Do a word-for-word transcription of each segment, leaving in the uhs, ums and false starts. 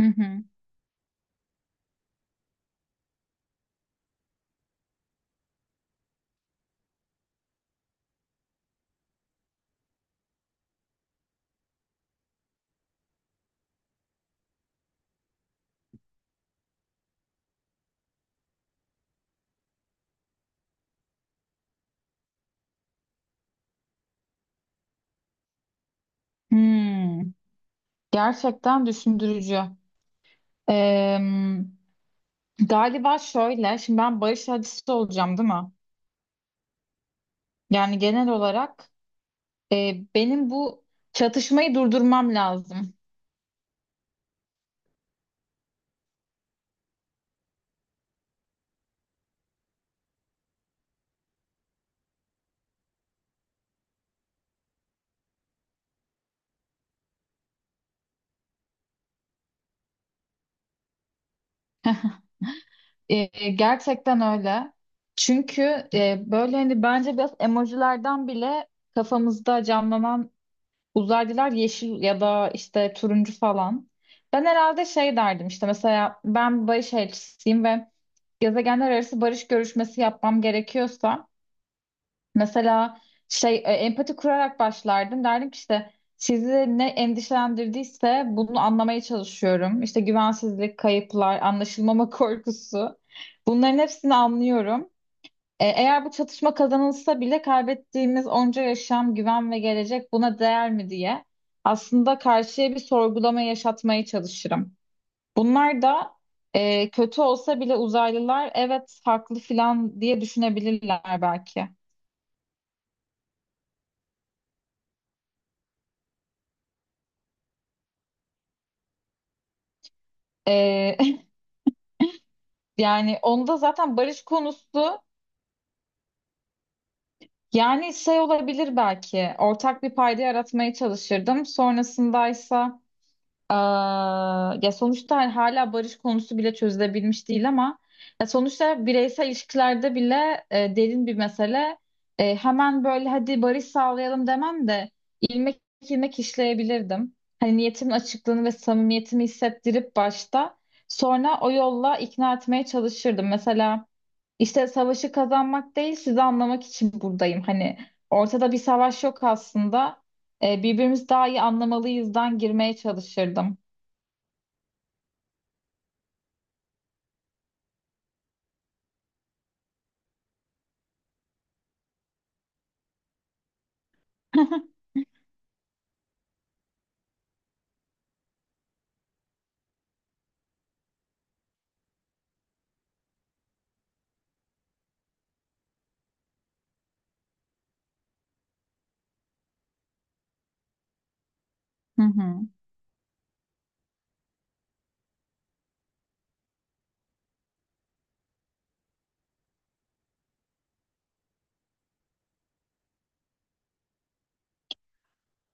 Hı hı. Hmm. Gerçekten düşündürücü. Ee, Galiba şöyle, şimdi ben barış acısı olacağım, değil mi? Yani genel olarak e, benim bu çatışmayı durdurmam lazım. E, gerçekten öyle. Çünkü e, böyle hani bence biraz emojilerden bile kafamızda canlanan uzaylılar yeşil ya da işte turuncu falan. Ben herhalde şey derdim işte mesela ben barış elçisiyim ve gezegenler arası barış görüşmesi yapmam gerekiyorsa mesela şey e, empati kurarak başlardım. Derdim ki işte sizi ne endişelendirdiyse bunu anlamaya çalışıyorum. İşte güvensizlik, kayıplar, anlaşılmama korkusu. Bunların hepsini anlıyorum. E, eğer bu çatışma kazanılsa bile kaybettiğimiz onca yaşam, güven ve gelecek buna değer mi diye aslında karşıya bir sorgulama yaşatmaya çalışırım. Bunlar da e, kötü olsa bile uzaylılar evet haklı filan diye düşünebilirler belki. E, Yani onda zaten barış konusu yani şey olabilir belki ortak bir payda yaratmaya çalışırdım. Sonrasındaysa Aa, ya sonuçta hani hala barış konusu bile çözülebilmiş değil ama ya sonuçta bireysel ilişkilerde bile e, derin bir mesele. E, hemen böyle hadi barış sağlayalım demem de ilmek ilmek işleyebilirdim. Hani niyetimin açıklığını ve samimiyetimi hissettirip başta sonra o yolla ikna etmeye çalışırdım. Mesela işte savaşı kazanmak değil sizi anlamak için buradayım. Hani ortada bir savaş yok aslında. E, birbirimizi daha iyi anlamalıyızdan girmeye çalışırdım. Hı hı.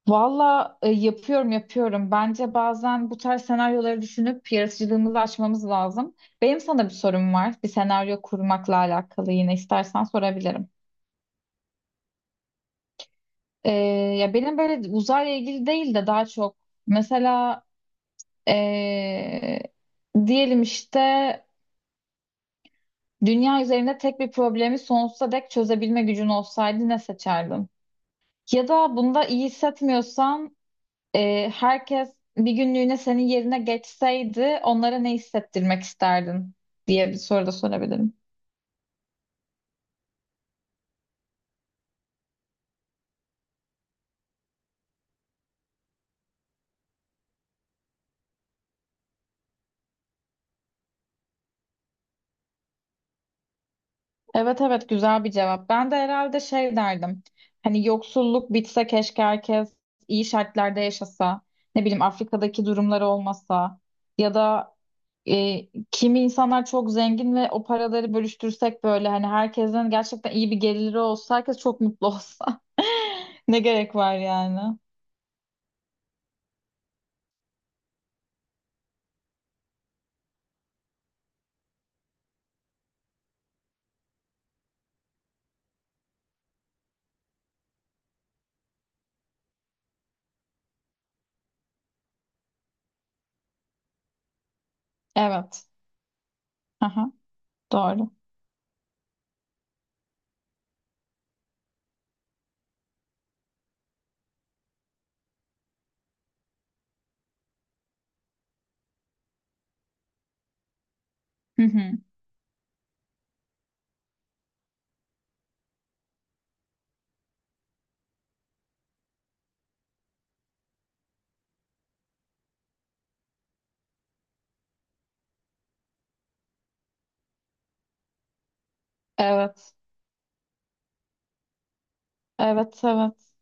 Valla e, yapıyorum yapıyorum. Bence bazen bu tarz senaryoları düşünüp yaratıcılığımızı açmamız lazım. Benim sana bir sorum var. Bir senaryo kurmakla alakalı yine istersen sorabilirim. E, Ya benim böyle uzayla ilgili değil de daha çok mesela e, diyelim işte dünya üzerinde tek bir problemi sonsuza dek çözebilme gücün olsaydı ne seçerdin? Ya da bunda iyi hissetmiyorsan e, herkes bir günlüğüne senin yerine geçseydi onlara ne hissettirmek isterdin diye bir soru da sorabilirim. Evet evet, güzel bir cevap. Ben de herhalde şey derdim. Hani yoksulluk bitse keşke herkes iyi şartlarda yaşasa. Ne bileyim Afrika'daki durumları olmasa. Ya da e, kimi insanlar çok zengin ve o paraları bölüştürsek böyle hani herkesin gerçekten iyi bir geliri olsa herkes çok mutlu olsa ne gerek var yani? Evet. Aha, doğru. Hı hı. Evet. Evet, evet.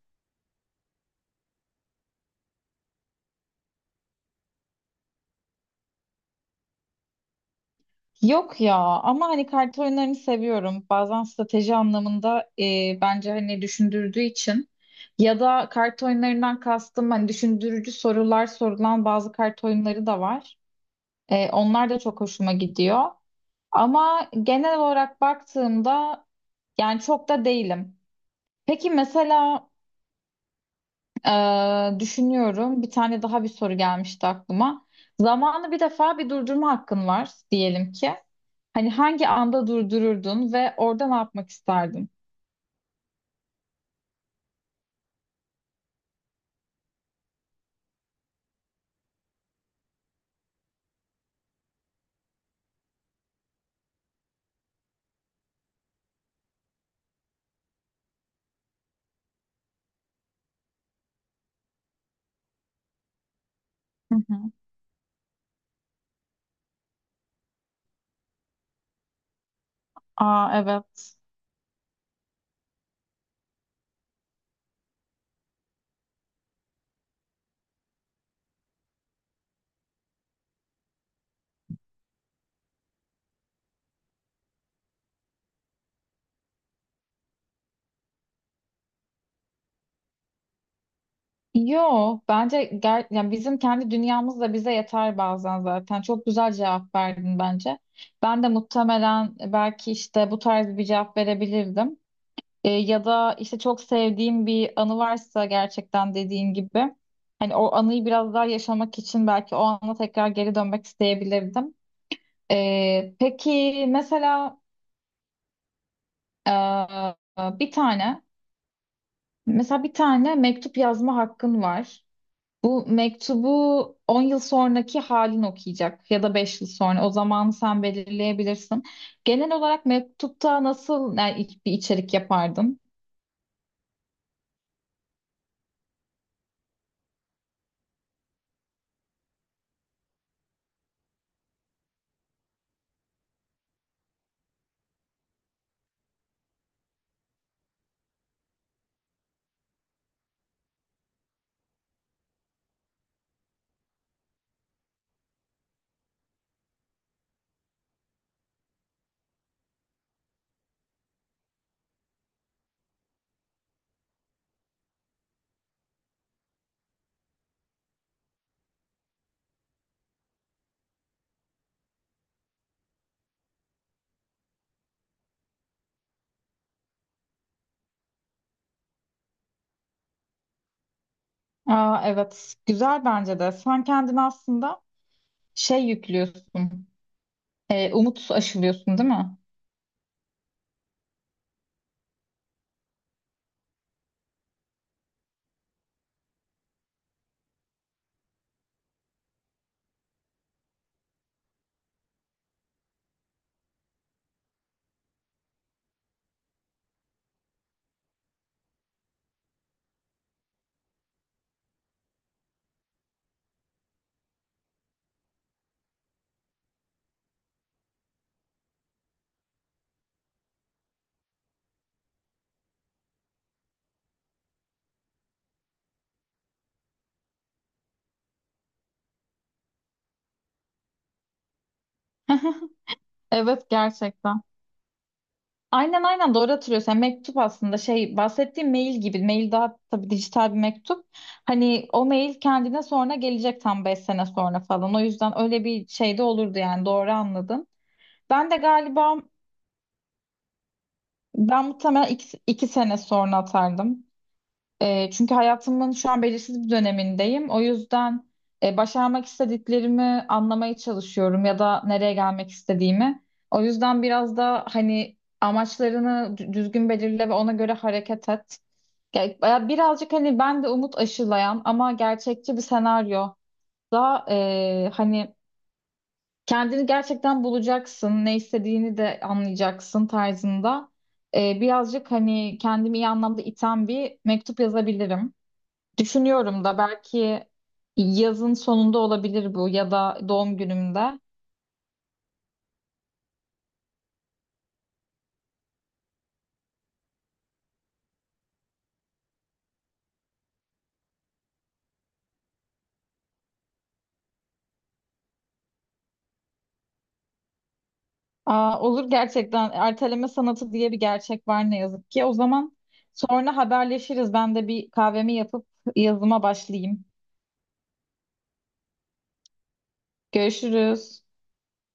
Yok ya, ama hani kart oyunlarını seviyorum. Bazen strateji anlamında e, bence hani düşündürdüğü için ya da kart oyunlarından kastım hani düşündürücü sorular sorulan bazı kart oyunları da var. E, onlar da çok hoşuma gidiyor. Ama genel olarak baktığımda yani çok da değilim. Peki mesela, ee, düşünüyorum. Bir tane daha bir soru gelmişti aklıma. Zamanı bir defa bir durdurma hakkın var diyelim ki. Hani hangi anda durdururdun ve orada ne yapmak isterdin? Hı hı. Aa, evet. Yo bence ger yani bizim kendi dünyamız da bize yeter bazen zaten. Çok güzel cevap verdin bence. Ben de muhtemelen belki işte bu tarz bir cevap verebilirdim. E, ya da işte çok sevdiğim bir anı varsa gerçekten dediğin gibi hani o anıyı biraz daha yaşamak için belki o ana tekrar geri dönmek isteyebilirdim. E, peki mesela, e, bir tane mesela bir tane mektup yazma hakkın var. Bu mektubu on yıl sonraki halin okuyacak ya da beş yıl sonra, o zamanı sen belirleyebilirsin. Genel olarak mektupta nasıl yani, bir içerik yapardın? Aa, evet, güzel bence de. Sen kendini aslında şey yüklüyorsun, e, umut aşılıyorsun değil mi? Evet, gerçekten. Aynen aynen, doğru hatırlıyorsun. Yani mektup aslında şey, bahsettiğim mail gibi. Mail daha tabii dijital bir mektup. Hani o mail kendine sonra gelecek, tam beş sene sonra falan. O yüzden öyle bir şey de olurdu, yani doğru anladın. Ben de galiba, ben muhtemelen iki iki sene sonra atardım. E, çünkü hayatımın şu an belirsiz bir dönemindeyim. O yüzden e, başarmak istediklerimi anlamaya çalışıyorum, ya da nereye gelmek istediğimi. O yüzden biraz da hani amaçlarını dü- düzgün belirle ve ona göre hareket et. Ya- ya Birazcık hani ben de umut aşılayan ama gerçekçi bir senaryo da, e, hani kendini gerçekten bulacaksın, ne istediğini de anlayacaksın tarzında. E, birazcık hani kendimi iyi anlamda iten bir mektup yazabilirim. Düşünüyorum da belki yazın sonunda olabilir bu ya da doğum günümde. Aa, olur, gerçekten erteleme sanatı diye bir gerçek var ne yazık ki. O zaman sonra haberleşiriz. Ben de bir kahvemi yapıp yazıma başlayayım. Görüşürüz.